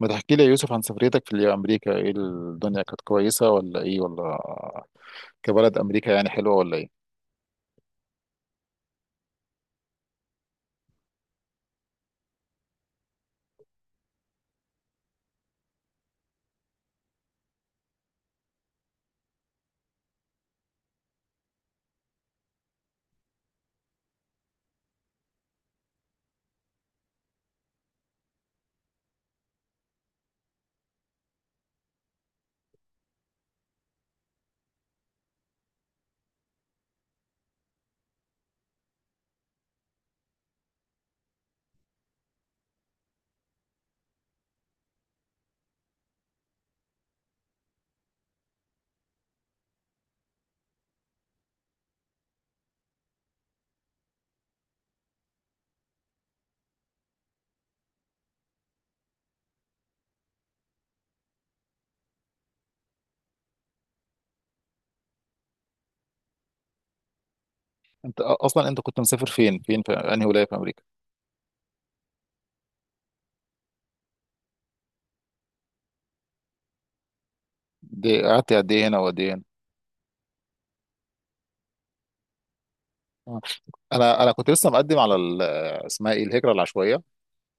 ما تحكي لي يا يوسف عن سفريتك في أمريكا، إيه الدنيا كانت كويسة ولا إيه ولا كبلد أمريكا يعني حلوة ولا إيه؟ أصلا أنت كنت مسافر فين في أنهي ولاية في أمريكا؟ دي قعدت قد إيه هنا وقد إيه هنا؟ آه. أنا كنت لسه مقدم على اسمها إيه الهجرة العشوائية.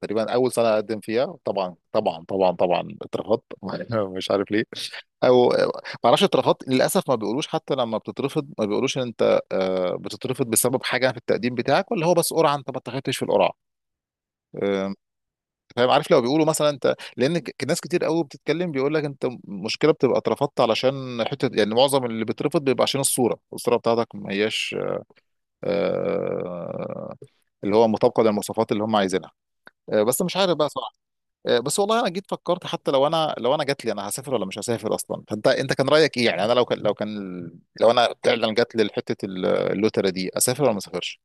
تقريبا أول سنة أقدم فيها، طبعا اترفضت مش عارف ليه. أو ما أعرفش اترفضت للأسف. ما بيقولوش، حتى لما بتترفض ما بيقولوش إن أنت بتترفض بسبب حاجة في التقديم بتاعك ولا هو بس قرعة أنت ما اتخذتش في القرعة. فاهم؟ عارف لو بيقولوا مثلا انت، ناس كتير قوي بتتكلم، بيقول لك انت مشكله بتبقى اترفضت علشان حته، يعني معظم اللي بيترفض بيبقى عشان الصوره، الصوره بتاعتك ما هياش آه، اللي هو مطابقه للمواصفات اللي هم عايزينها. بس مش عارف بقى صراحه. بس والله انا جيت فكرت، حتى لو انا، لو انا جات لي انا هسافر ولا مش هسافر اصلا؟ فانت كان رايك ايه يعني؟ انا لو كان، لو انا فعلا جات لي حته اللوتره دي، اسافر ولا ما اسافرش؟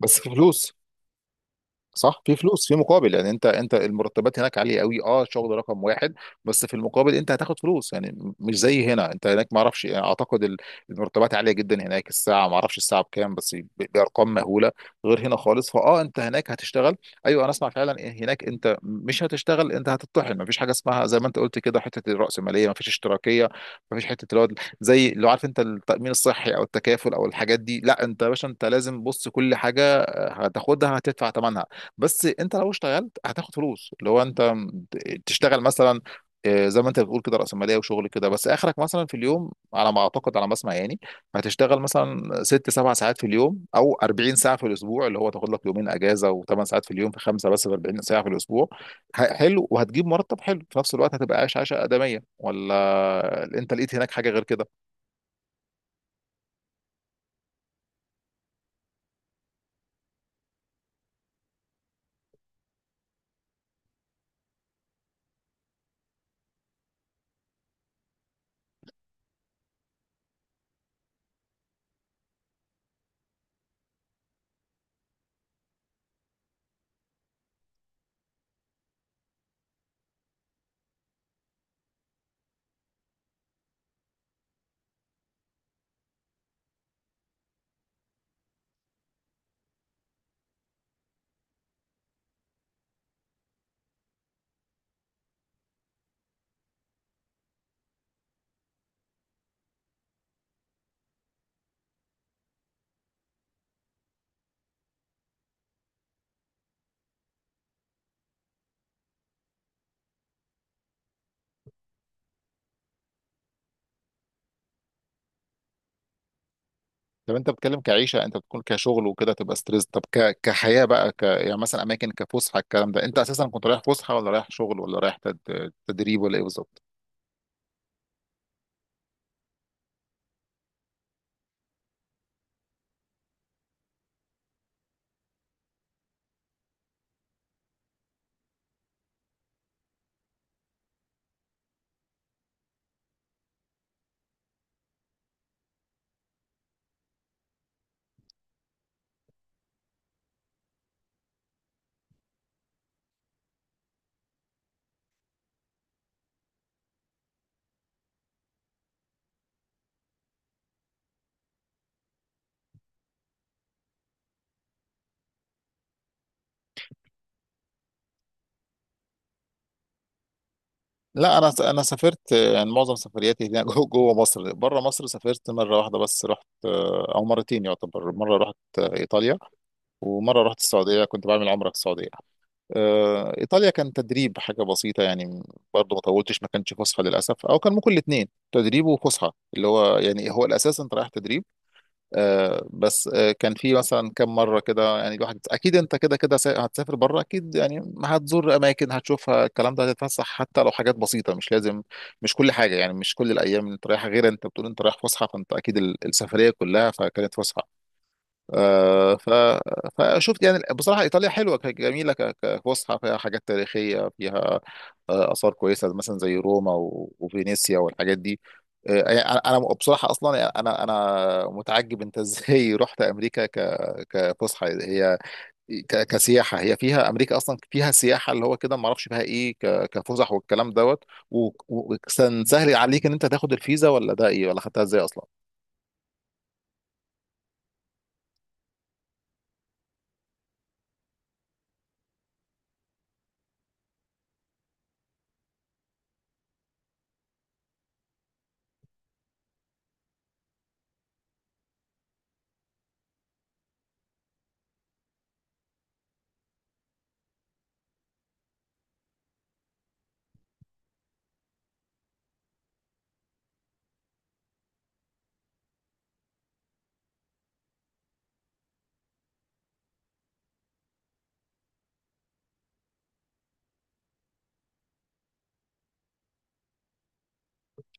بس فلوس. صح، في فلوس في مقابل، يعني انت المرتبات هناك عاليه قوي. اه، شغل رقم واحد. بس في المقابل انت هتاخد فلوس، يعني مش زي هنا. انت هناك ما اعرفش، يعني اعتقد المرتبات عاليه جدا هناك. الساعه ما اعرفش الساعه بكام، بس بارقام مهوله، غير هنا خالص. فاه، انت هناك هتشتغل. ايوه انا اسمع فعلا، إيه هناك انت مش هتشتغل، انت هتطحن. ما فيش حاجه اسمها زي ما انت قلت كده حته الراسماليه، ما فيش اشتراكيه، ما فيش حته اللي هو زي، لو عارف انت التامين الصحي او التكافل او الحاجات دي، لا، انت يا باشا انت لازم بص كل حاجه هتاخدها هتدفع ثمنها. بس انت لو اشتغلت هتاخد فلوس، اللي هو انت تشتغل مثلا زي ما انت بتقول كده رأسمالية وشغل كده، بس اخرك مثلا في اليوم على ما اعتقد على ما اسمع يعني هتشتغل مثلا ست سبع ساعات في اليوم او 40 ساعة في الاسبوع، اللي هو تاخد لك يومين اجازة وثمان ساعات في اليوم في خمسة، بس في 40 ساعة في الاسبوع. حلو، وهتجيب مرتب حلو في نفس الوقت، هتبقى عايش عيشة آدمية، ولا انت لقيت هناك حاجة غير كده؟ طب انت بتتكلم كعيشه، انت بتكون كشغل وكده تبقى ستريس، طب كحياه بقى يعني مثلا اماكن كفسحه الكلام ده، انت اساسا كنت رايح فسحه، ولا رايح شغل، ولا رايح تدريب، ولا ايه بالظبط؟ لا، انا انا سافرت يعني معظم سفرياتي هنا جوه مصر. بره مصر سافرت مره واحده بس، رحت او مرتين يعتبر. مره رحت ايطاليا، ومره رحت السعوديه، كنت بعمل عمره في السعوديه. ايطاليا كان تدريب، حاجه بسيطه يعني، برضه ما طولتش، ما كانش فسحه للاسف، او كان ممكن الاثنين تدريب وفسحه، اللي هو يعني هو الاساس انت رايح تدريب. بس كان في مثلا كم مره كده يعني، الواحد اكيد انت كده كده هتسافر بره اكيد، يعني هتزور اماكن، هتشوفها الكلام ده، هتتفسح حتى لو حاجات بسيطه، مش لازم مش كل حاجه، يعني مش كل الايام انت رايح غير انت بتقول انت رايح فسحه، فانت اكيد السفريه كلها فكانت فسحه. آه، ف... فشفت يعني بصراحة إيطاليا حلوة، جميلة كفسحة، فيها حاجات تاريخية، فيها آثار كويسة، مثلا زي روما وفينيسيا والحاجات دي. يعني أنا بصراحة أصلا، يعني أنا متعجب أنت إزاي رحت أمريكا كفسحة هي، كسياحة هي. فيها أمريكا أصلا فيها سياحة اللي هو كده؟ ما أعرفش فيها إيه كفسح والكلام دوت. و... و... وكان سهل عليك إن أنت تاخد الفيزا، ولا ده إيه، ولا خدتها إزاي أصلا؟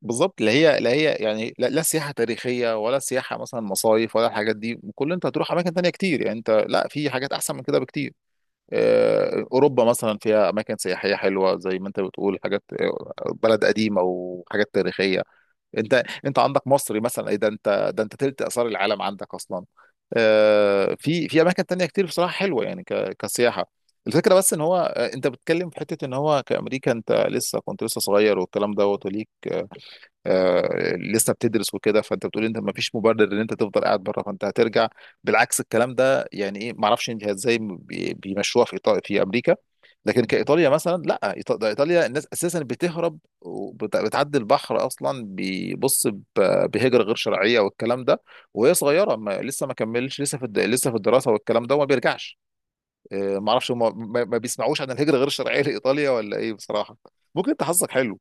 بالظبط، اللي هي يعني لا, لا سياحه تاريخيه، ولا سياحه مثلا مصايف، ولا الحاجات دي. كل انت هتروح اماكن تانية كتير، يعني انت لا، في حاجات احسن من كده بكتير. اوروبا مثلا فيها اماكن سياحيه حلوه، زي ما انت بتقول حاجات بلد قديمه وحاجات تاريخيه. انت عندك مصر مثلا، ايه ده، انت تلت اثار العالم عندك اصلا. في في اماكن تانية كتير بصراحه حلوه يعني كسياحه. الفكرة بس ان هو انت بتتكلم في حتة ان هو كأمريكا، انت لسه، كنت لسه صغير والكلام دوت، وليك لسه بتدرس وكده، فانت بتقول انت ما فيش مبرر ان انت تفضل قاعد بره، فانت هترجع. بالعكس الكلام ده، يعني ايه، ما اعرفش انت ازاي بيمشوها في إيطاليا في امريكا. لكن كايطاليا مثلا لا، ده ايطاليا الناس اساسا بتهرب وبتعدي البحر اصلا، بيبص بهجره غير شرعيه والكلام ده، وهي صغيره ما لسه، ما كملش، لسه في لسه في الدراسه والكلام ده وما بيرجعش. ما اعرفش هم ما بيسمعوش عن الهجره غير الشرعيه لايطاليا ولا ايه بصراحه؟ ممكن انت حظك حلو.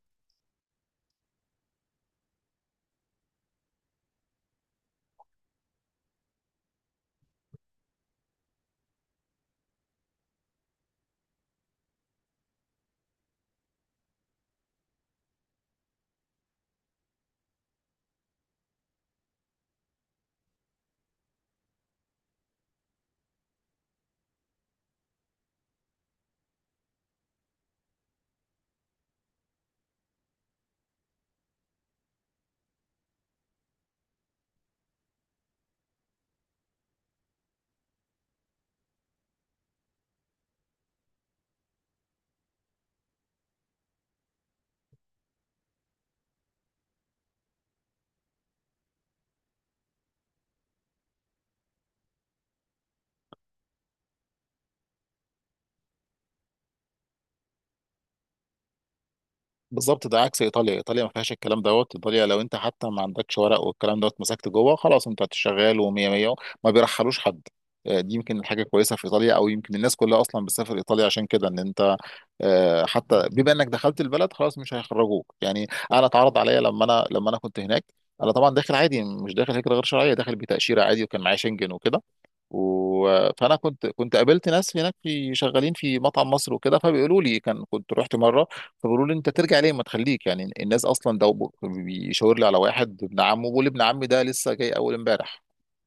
بالظبط، ده عكس ايطاليا، ايطاليا ما فيهاش الكلام دوت. ايطاليا لو انت حتى ما عندكش ورق والكلام دوت، مسكت جوه خلاص، انت شغال ومية مية، ما بيرحلوش حد. دي يمكن الحاجه كويسه في ايطاليا، او يمكن الناس كلها اصلا بتسافر ايطاليا عشان كده. ان انت حتى بما انك دخلت البلد خلاص مش هيخرجوك، يعني انا اتعرض عليا لما انا، لما انا كنت هناك. انا طبعا داخل عادي، مش داخل هجره غير شرعيه، داخل بتاشيره عادي وكان معايا شنجن وكده فانا كنت قابلت ناس هناك في شغالين في مطعم مصر وكده، فبيقولوا لي، كان كنت رحت مره، فبيقولوا لي انت ترجع ليه، ما تخليك، يعني الناس اصلا، ده بيشاور لي على واحد ابن عمه، بيقول لي ابن عمي ده لسه جاي اول امبارح،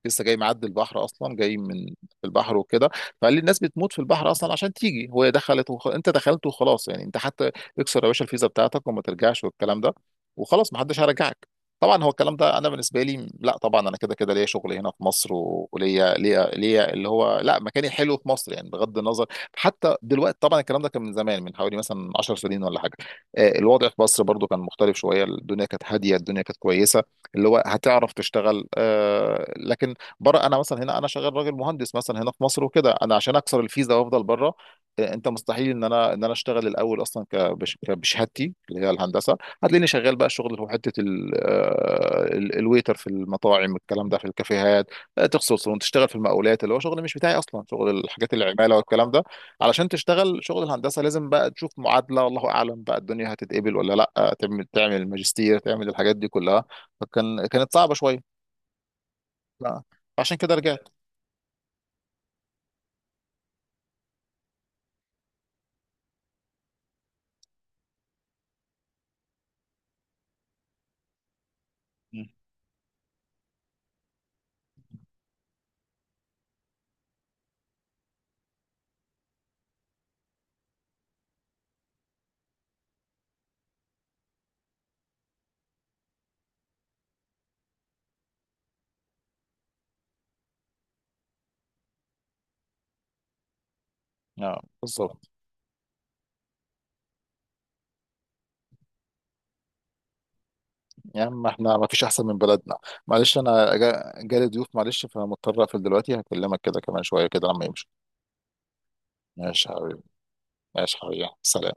لسه جاي معدي البحر اصلا، جاي من البحر وكده. فقال لي الناس بتموت في البحر اصلا عشان تيجي، هو دخلت انت دخلت وخلاص، يعني انت حتى اكسر يا باشا الفيزا بتاعتك وما ترجعش والكلام ده، وخلاص ما حدش هيرجعك. طبعا هو الكلام ده انا بالنسبه لي لا، طبعا انا كده كده ليا شغل هنا في مصر وليا ليا اللي هو لا، مكاني حلو في مصر يعني بغض النظر. حتى دلوقتي، طبعا الكلام ده كان من زمان، من حوالي مثلا 10 سنين ولا حاجه. الوضع في مصر برضو كان مختلف شويه، الدنيا كانت هاديه، الدنيا كانت كويسه، اللي هو هتعرف تشتغل. لكن بره، انا مثلا هنا انا شغال راجل مهندس مثلا هنا في مصر وكده، انا عشان اكسر الفيزا وافضل بره انت مستحيل ان انا، ان انا اشتغل الاول اصلا بشهادتي اللي هي الهندسه، هتلاقيني شغال بقى شغل في حته الويتر في المطاعم الكلام ده في الكافيهات، تغسل صالون، تشتغل في المقاولات، اللي هو شغل مش بتاعي اصلا، شغل الحاجات العماله والكلام ده. علشان تشتغل شغل الهندسه لازم بقى تشوف معادله، والله اعلم بقى الدنيا هتتقبل ولا لا، تعمل ماجستير، تعمل الحاجات دي كلها، كانت صعبه شويه. لا، عشان كده رجعت. اه بالظبط. يا عم احنا ما فيش احسن من بلدنا. معلش انا جالي ضيوف، معلش فمضطر اقفل دلوقتي، هكلمك كده كمان شويه كده لما يمشوا. ماشي يا حبيبي، ماشي حبيبي، سلام.